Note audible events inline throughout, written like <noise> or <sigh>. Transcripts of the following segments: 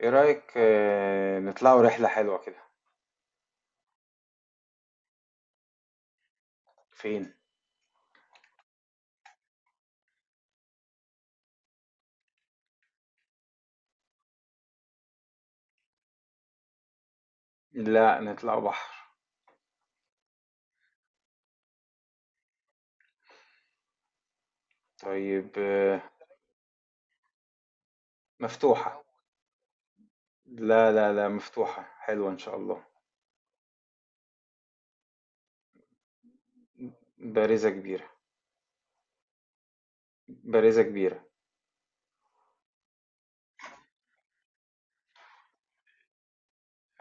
ايه رأيك نطلعوا رحلة حلوة كده. فين؟ لا، نطلعوا بحر. طيب مفتوحة. لا لا لا، مفتوحة، حلوة ان شاء الله. بارزة كبيرة. بارزة كبيرة.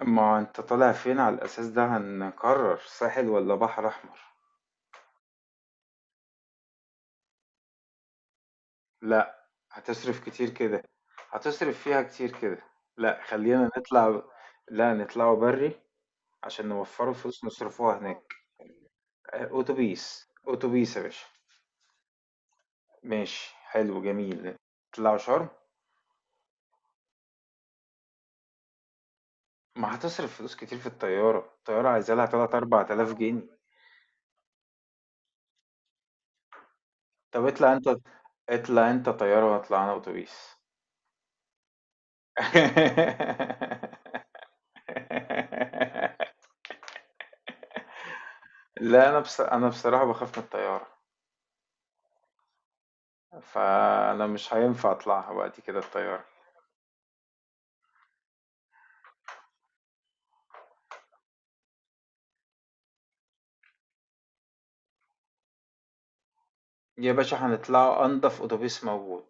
ما انت طالع فين على الاساس ده هنقرر ساحل ولا بحر احمر؟ لا. هتصرف كتير كده. هتصرف فيها كتير كده. لا خلينا نطلع. لا نطلعوا بري، عشان نوفروا فلوس نصرفوها هناك. اتوبيس اتوبيس يا باشا. ماشي، حلو، جميل. اطلعوا شرم. ما هتصرف فلوس كتير في الطيارة. الطيارة عايزة لها تلات أربع تلاف جنيه. طب اطلع انت. اطلع انت طيارة واطلع انا اتوبيس. <laughs> لا، انا بصراحة بخاف من الطيارة. فانا مش هينفع اطلعها بعد كده الطيارة. يا باشا هنطلعوا انضف اتوبيس موجود.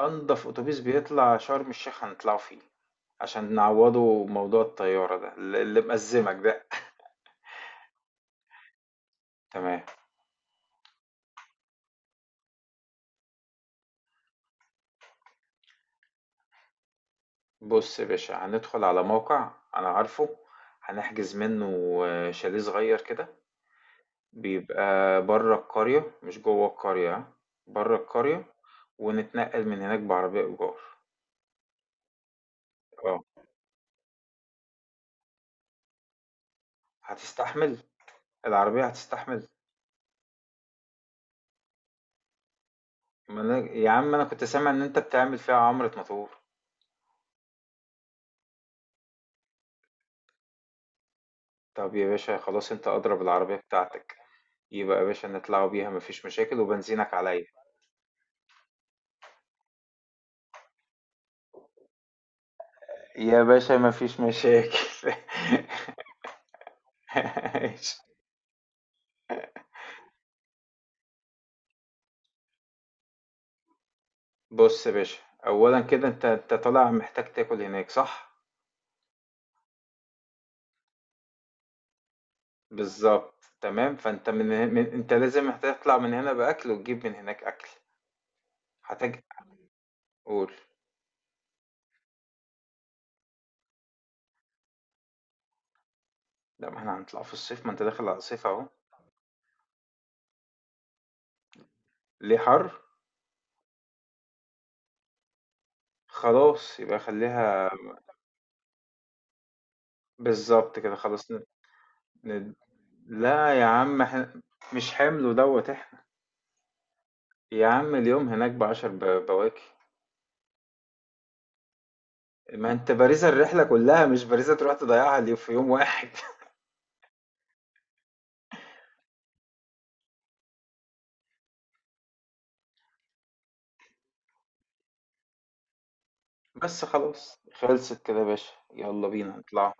انضف اتوبيس بيطلع شرم الشيخ هنطلعه فيه، عشان نعوضه موضوع الطيارة ده اللي مأزمك ده. تمام. بُص يا باشا، هندخل على موقع أنا عارفه، هنحجز منّه شاليه صغير كده. بيبقى برّه القرية مش جوّه القرية، ها، برّه القرية. ونتنقّل من هناك بعربية إيجار. آه، هتستحمل؟ العربية هتستحمل؟ ما أنا يا عم أنا كنت سامع إن أنت بتعمل فيها عمرة مطور. طَب يا باشا خلاص، أنت أدرى بالعربية بتاعتك، يبقى يا باشا نطلعوا بيها، ما فيش مشاكل، وبنزينك عليّا. يا باشا ما فيش مشاكل. <laughs> ماشي. بص يا باشا، اولا كده انت طالع محتاج تاكل هناك صح؟ بالظبط، تمام. فانت من انت لازم هتطلع من هنا باكل وتجيب من هناك اكل. هتج قول. لا، ما احنا هنطلع في الصيف، ما انت داخل على الصيف اهو. ليه؟ حر. خلاص يبقى خليها. بالظبط كده خلاص. ن... لا يا عم، احنا مش حمل دوت احنا. يا عم اليوم هناك بعشر بواكي. ما انت بارزة الرحلة كلها، مش بارزة تروح تضيعها في يوم واحد. بس خلاص، خلصت كده يا باشا، يلا بينا نطلع.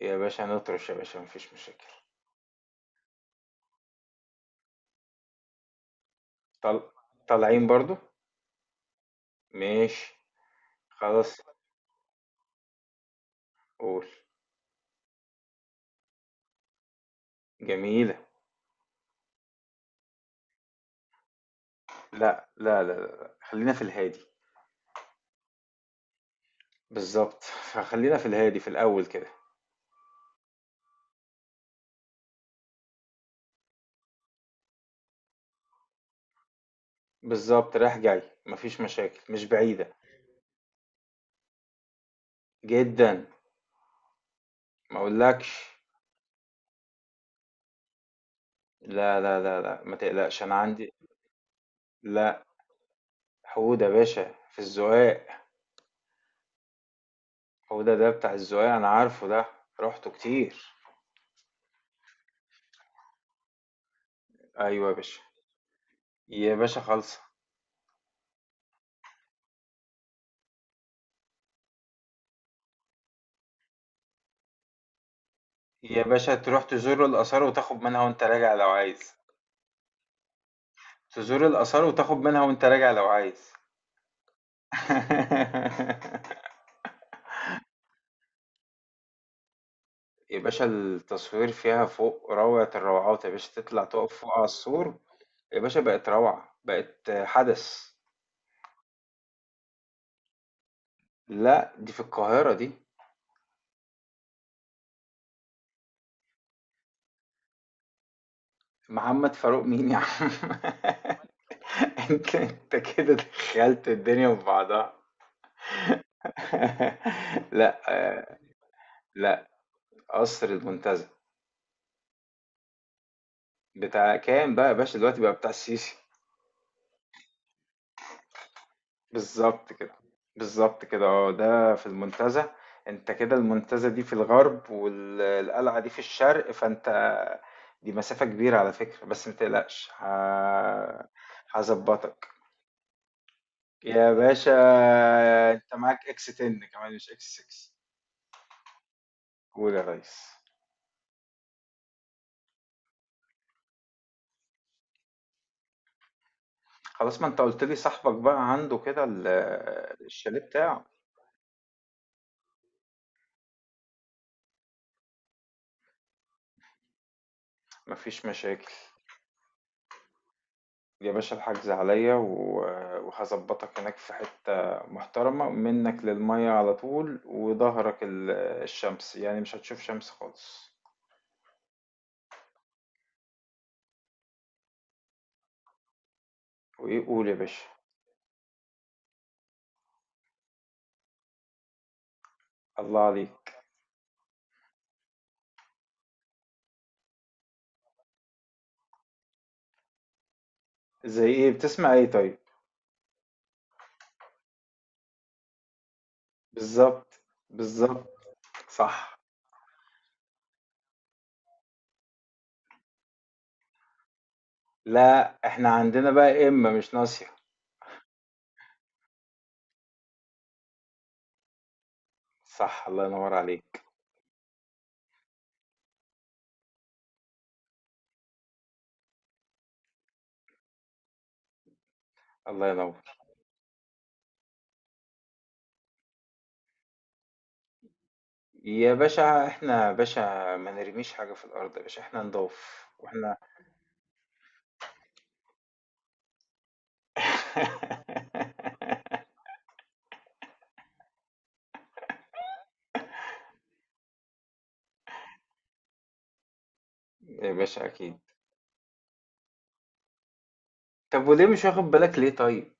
يا باشا نطرش، يا باشا مفيش مشاكل. طل... طالعين برضو. ماشي. خلاص. قول. جميلة. لا لا لا لا، خلينا في الهادي. بالظبط. <laughs> خلينا في الهادي في الأول كده. بالظبط، رايح جاي مفيش مشاكل، مش بعيدة جدا. ما اقولكش. لا لا لا لا، ما تقلقش انا عندي. لا. حودة يا باشا في الزقاق. حودة ده بتاع الزقاق، انا عارفه ده، رحته كتير. ايوه يا باشا. يا باشا خالصة. يا باشا تروح تزور الآثار وتاخد منها وأنت راجع لو عايز. تزور الآثار وتاخد منها وأنت راجع لو عايز. <laughs> يا باشا التصوير فيها فوق روعة الروعات، يا باشا تطلع تقف فوق على السور. يا باشا بقت روعة، بقت حدث. لا، دي في القاهرة دي. محمد فاروق مين يا عم؟ <laughs> انت كده دخلت الدنيا في بعضها. <laughs> لا. آه، لا، قصر المنتزه. بتاع كام بقى يا باشا، دلوقتي بقى بتاع السيسي. بالظبط كده. بالظبط كده، اه، ده في المنتزه. انت كده المنتزه دي في الغرب والقلعه دي في الشرق، فانت دي مسافه كبيره على فكره، بس متقلقش هظبطك. يا باشا انت معاك اكس 10 كمان مش اكس 6. قول يا ريس. خلاص، ما انت قلت لي صاحبك بقى عنده كده الشاليه بتاعه. مفيش مشاكل. يا باشا الحجز عليا وهظبطك هناك في حتة محترمة منك للمية على طول، وظهرك الشمس، يعني مش هتشوف شمس خالص. وإيه؟ قول يا باشا. الله عليك. زي إيه؟ بتسمع إيه طيب؟ بالظبط. بالظبط. صح. لا إحنا عندنا بقى إما مش ناصية. صح، الله ينور عليك. الله ينور. يا باشا إحنا، يا باشا ما نرميش حاجة في الأرض. يا باشا إحنا نضاف، وإحنا <laughs> يا باشا أكيد. طب وليه مش واخد بالك ليه طيب؟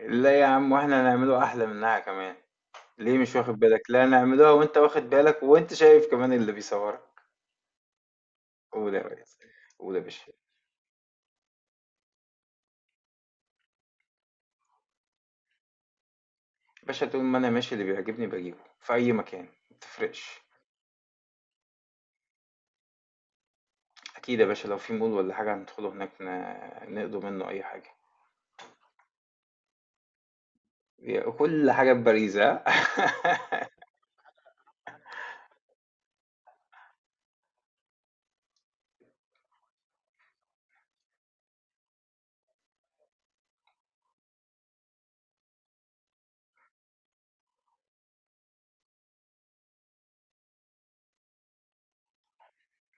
لا يا عم، واحنا هنعمله احلى منها كمان. ليه مش واخد بالك؟ لا نعملوها وانت واخد بالك، وانت شايف كمان اللي بيصورك. قول يا ريس. قول يا باشا. باشا طول ما انا ماشي، اللي بيعجبني بجيبه في اي مكان، ما تفرقش. اكيد يا باشا، لو في مول ولا حاجة هندخله، هناك نقضوا منه اي حاجة. كل حاجة ببريزة. <laughs>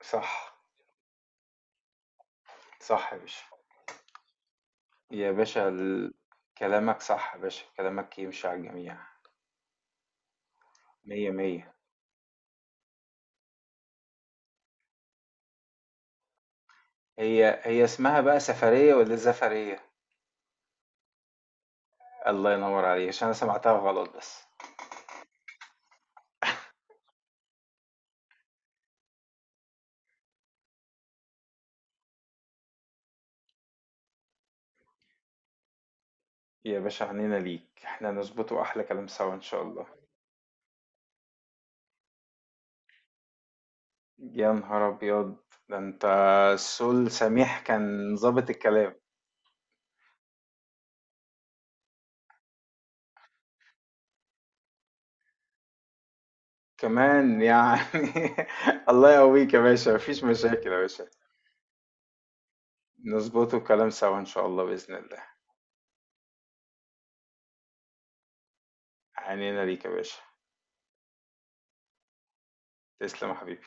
صح. صح يا باشا. يا باشا كلامك صح يا باشا، كلامك يمشي على الجميع. مية مية. هي هي اسمها بقى سفرية ولا زفرية؟ الله ينور عليك، عشان انا سمعتها غلط بس. يا باشا عنينا ليك، احنا نظبطه احلى كلام سوا ان شاء الله. يا نهار ابيض، ده انت السول سميح كان ظابط الكلام. كمان يعني. <laughs> الله يقويك يا باشا، مفيش مشاكل يا باشا. نظبطه الكلام سوا ان شاء الله، باذن الله. عنينا ليك يا باشا. تسلم يا حبيبي.